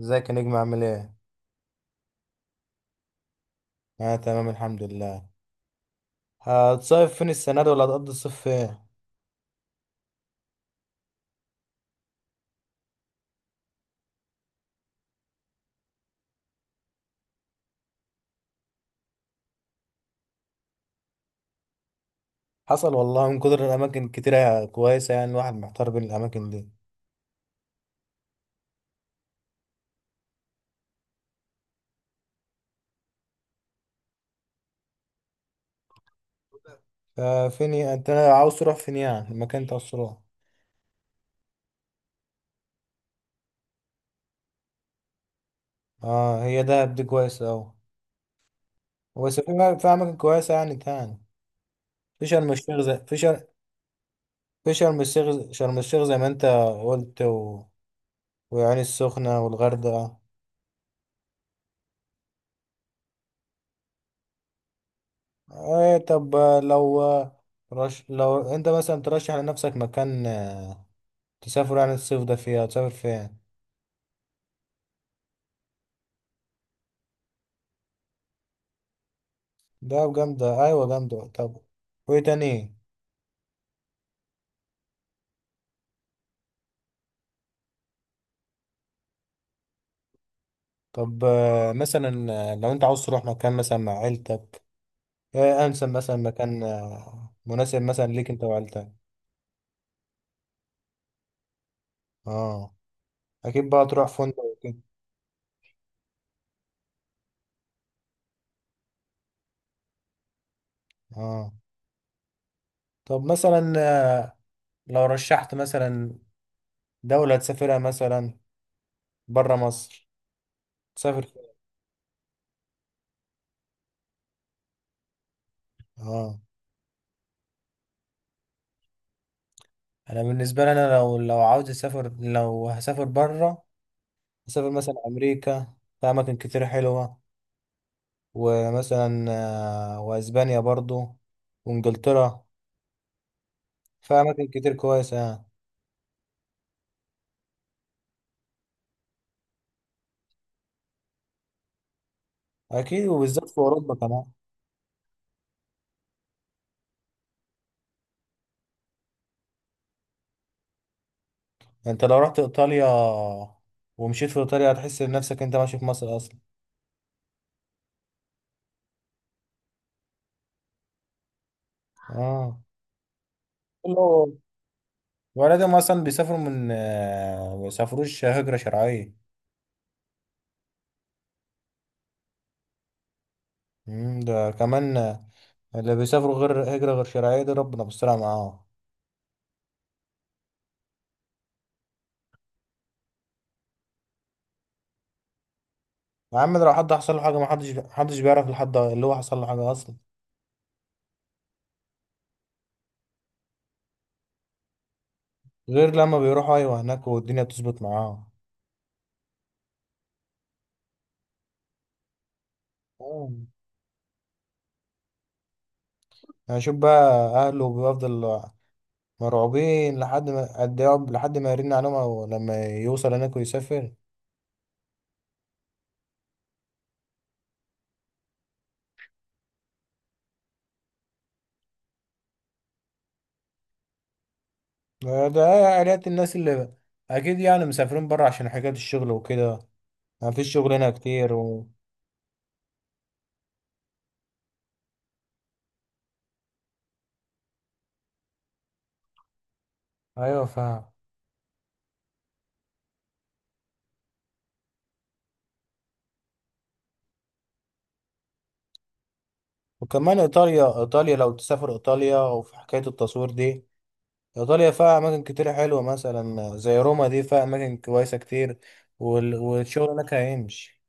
ازيك يا نجم، عامل ايه؟ اه، تمام الحمد لله. هتصيف فين السنة دي ولا هتقضي الصيف فين؟ حصل والله، من كتر الأماكن كتيرة كويسة يعني الواحد محتار بين الأماكن دي. ففين انت عاوز تروح فين يعني؟ المكان انت عاوز تروح. اه، هي دهب دي كويسة أوي. بس في أماكن كويسة يعني تاني. في شرم الشيخ، زي في شر في شرم الشيخ، شرم الشيخ زي ما انت قلت، وعين السخنة والغردقة. ايه، طب لو لو انت مثلا ترشح لنفسك مكان تسافر يعني الصيف ده فيها، تسافر فين؟ ده جامدة، أيوة جامدة. طب وإيه تاني؟ طب مثلا لو أنت عاوز تروح مكان مثلا مع عيلتك، إيه أنسب مثلا مكان مناسب مثلا ليك أنت وعيلتك؟ أه، أكيد بقى تروح فندق وكده. أه، طب مثلا لو رشحت مثلا دولة تسافرها، مثلا برا مصر، تسافر فين؟ أه، أنا بالنسبة لي أنا، لو عاوز أسافر، لو هسافر برا أسافر مثلا أمريكا. في أماكن كتير حلوة، ومثلا واسبانيا برضو وانجلترا. في اماكن كتير كويسه يعني. اكيد، وبالذات في اوروبا كمان. انت لو رحت ايطاليا ومشيت في ايطاليا هتحس نفسك انت ماشي في مصر اصلا. اه، كله. ولادهم اصلا بيسافروا من ما بيسافروش هجره شرعيه. ده كمان اللي بيسافروا غير هجره غير شرعيه دي، ربنا بيسترها معاهم. يا عم، ده لو حد حصل له حاجه، ما حدش بيعرف لحد اللي هو حصل له حاجه اصلا. غير لما بيروحوا، ايوه، هناك والدنيا بتظبط معاهم. آه. هشوف بقى. اهله بيفضل مرعوبين لحد ما قد إيه لحد ما يرن عليهم او لما يوصل هناك ويسافر. ده عائلات الناس اللي، اكيد يعني مسافرين بره عشان حكاية الشغل وكده. ما فيش شغل هنا كتير ايوه فاهم. وكمان ايطاليا، ايطاليا لو تسافر ايطاليا وفي حكاية التصوير دي، ايطاليا فيها اماكن كتير حلوة مثلا زي روما دي، فيها اماكن كويسة كتير. والشغل هناك هيمشي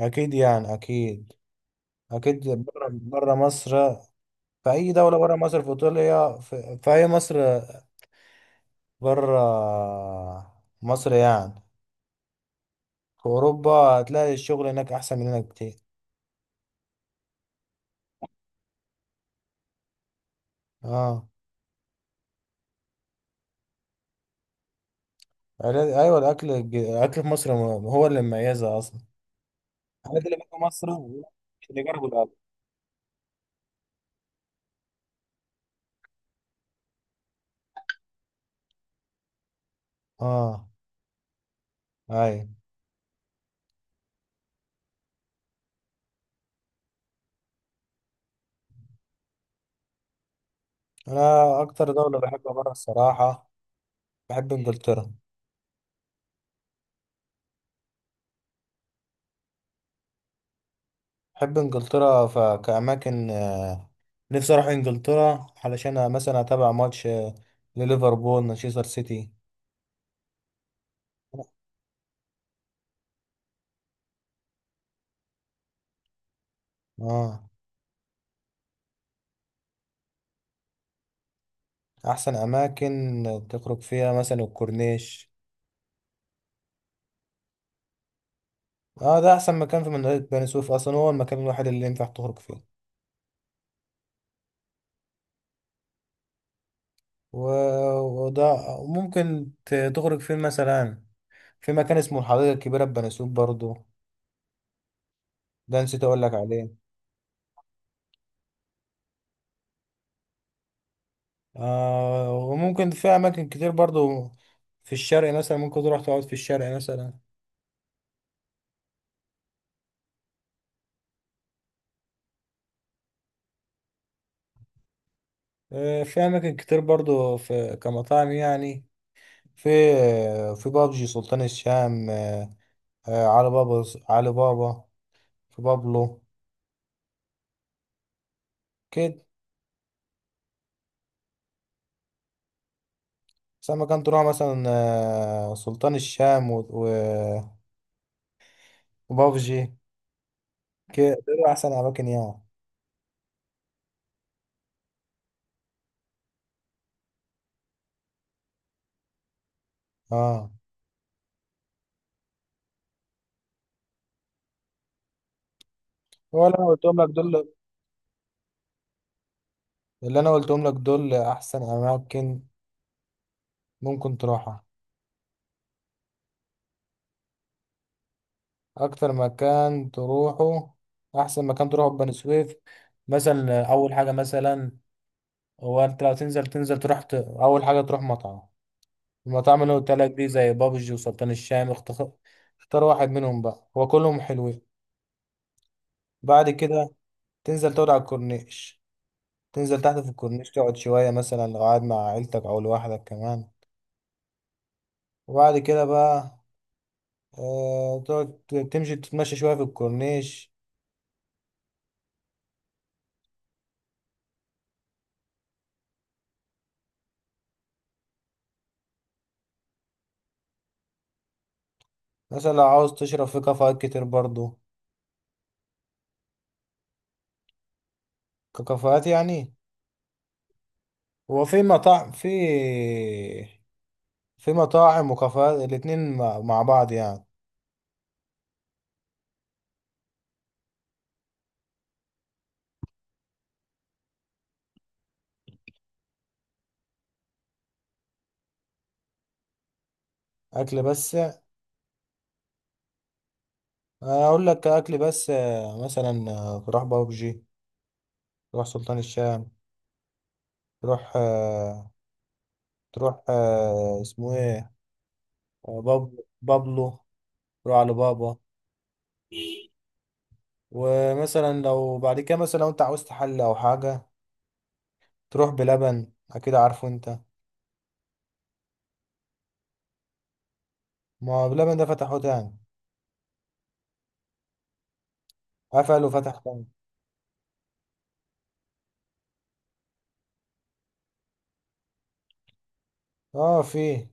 اكيد يعني، اكيد. اكيد بره، بره مصر. في اي دوله بره مصر، في ايطاليا، في اي مصر، بره مصر يعني. في اوروبا هتلاقي الشغل هناك احسن من هنا كتير. اه. ايوه، الاكل، الاكل في مصر، هو اللي مميزها اصلا. الحاجات اللي بره مصر، اللي جربوا الاكل. اه، ايوه. انا اكتر دوله بحبها بره الصراحه، بحب انجلترا. بحب انجلترا كاماكن. نفسي اروح انجلترا علشان مثلا اتابع ماتش لليفربول، مانشستر سيتي. اه. احسن اماكن تخرج فيها مثلا الكورنيش. اه، ده احسن مكان في منطقه بني سويف اصلا، هو المكان الوحيد اللي ينفع تخرج فيه. و... وده ممكن تخرج فيه مثلا. في مكان اسمه الحديقه الكبيره في بني سويف برضو، ده نسيت اقول لك عليه. آه، وممكن في اماكن كتير برضو. في الشرق مثلا، ممكن تروح تقعد في الشرق مثلا. آه، في اماكن كتير برضو في كمطاعم يعني. في، في بابجي، سلطان الشام، علي بابا. علي بابا. في بابلو. كده. سما كان تروح مثلا سلطان الشام وبابجي. كده، دول احسن اماكن يعني. اه، هو اللي انا قلتهم لك دول. اللي انا قلتهم لك دول احسن اماكن ممكن تروحها. اكتر مكان تروحه، احسن مكان تروحه في بني سويف، مثلا اول حاجه مثلا، هو انت لو تنزل، تنزل تروح اول حاجه تروح مطعم. المطاعم اللي قلت لك دي زي بابجي وسلطان الشام، اختار واحد منهم بقى، هو كلهم حلوين. بعد كده تنزل تقعد على الكورنيش، تنزل تحت في الكورنيش، تقعد شوية، مثلا لو قاعد مع عيلتك أو لوحدك كمان. وبعد كده بقى تقعد، تمشي تتمشى شوية في الكورنيش. مثلا لو عاوز تشرب، في كافيهات كتير برضو، كافيهات يعني. هو في مطاعم، في في مطاعم وكافيهات الاتنين مع بعض يعني. أكل بس؟ أنا أقول لك أكل بس مثلا تروح بابجي، تروح سلطان الشام، تروح تروح اسمه إيه، بابلو، بابلو. روح على بابا. ومثلا لو بعد كده مثلا، لو انت عاوزت حل او حاجة، تروح بلبن، اكيد عارفه انت. ما هو بلبن ده فتحوه تاني، قفل وفتح تاني. اه، في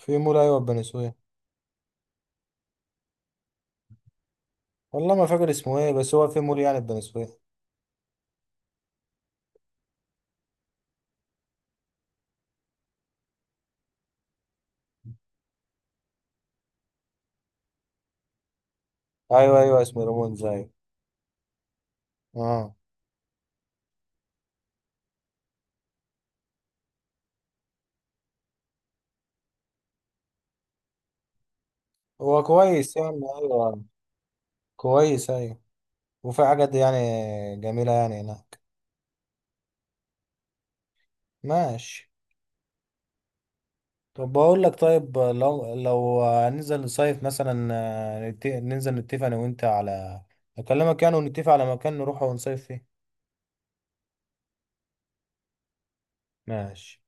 في مول، ايوه، في بني سويف. والله ما فاكر اسمه ايه، بس هو في مول يعني في بني سويف. ايوه ايوه، اسمه ريمون زي. اه، هو كويس يعني، ايوه. كويس، ايوه. وفي حاجات يعني جميلة يعني هناك. ماشي. طب بقول لك، طيب لو، لو هننزل نصيف مثلا ننزل نتفق انا وانت على، اكلمك يعني ونتفق على مكان نروح ونصيف فيه. ماشي.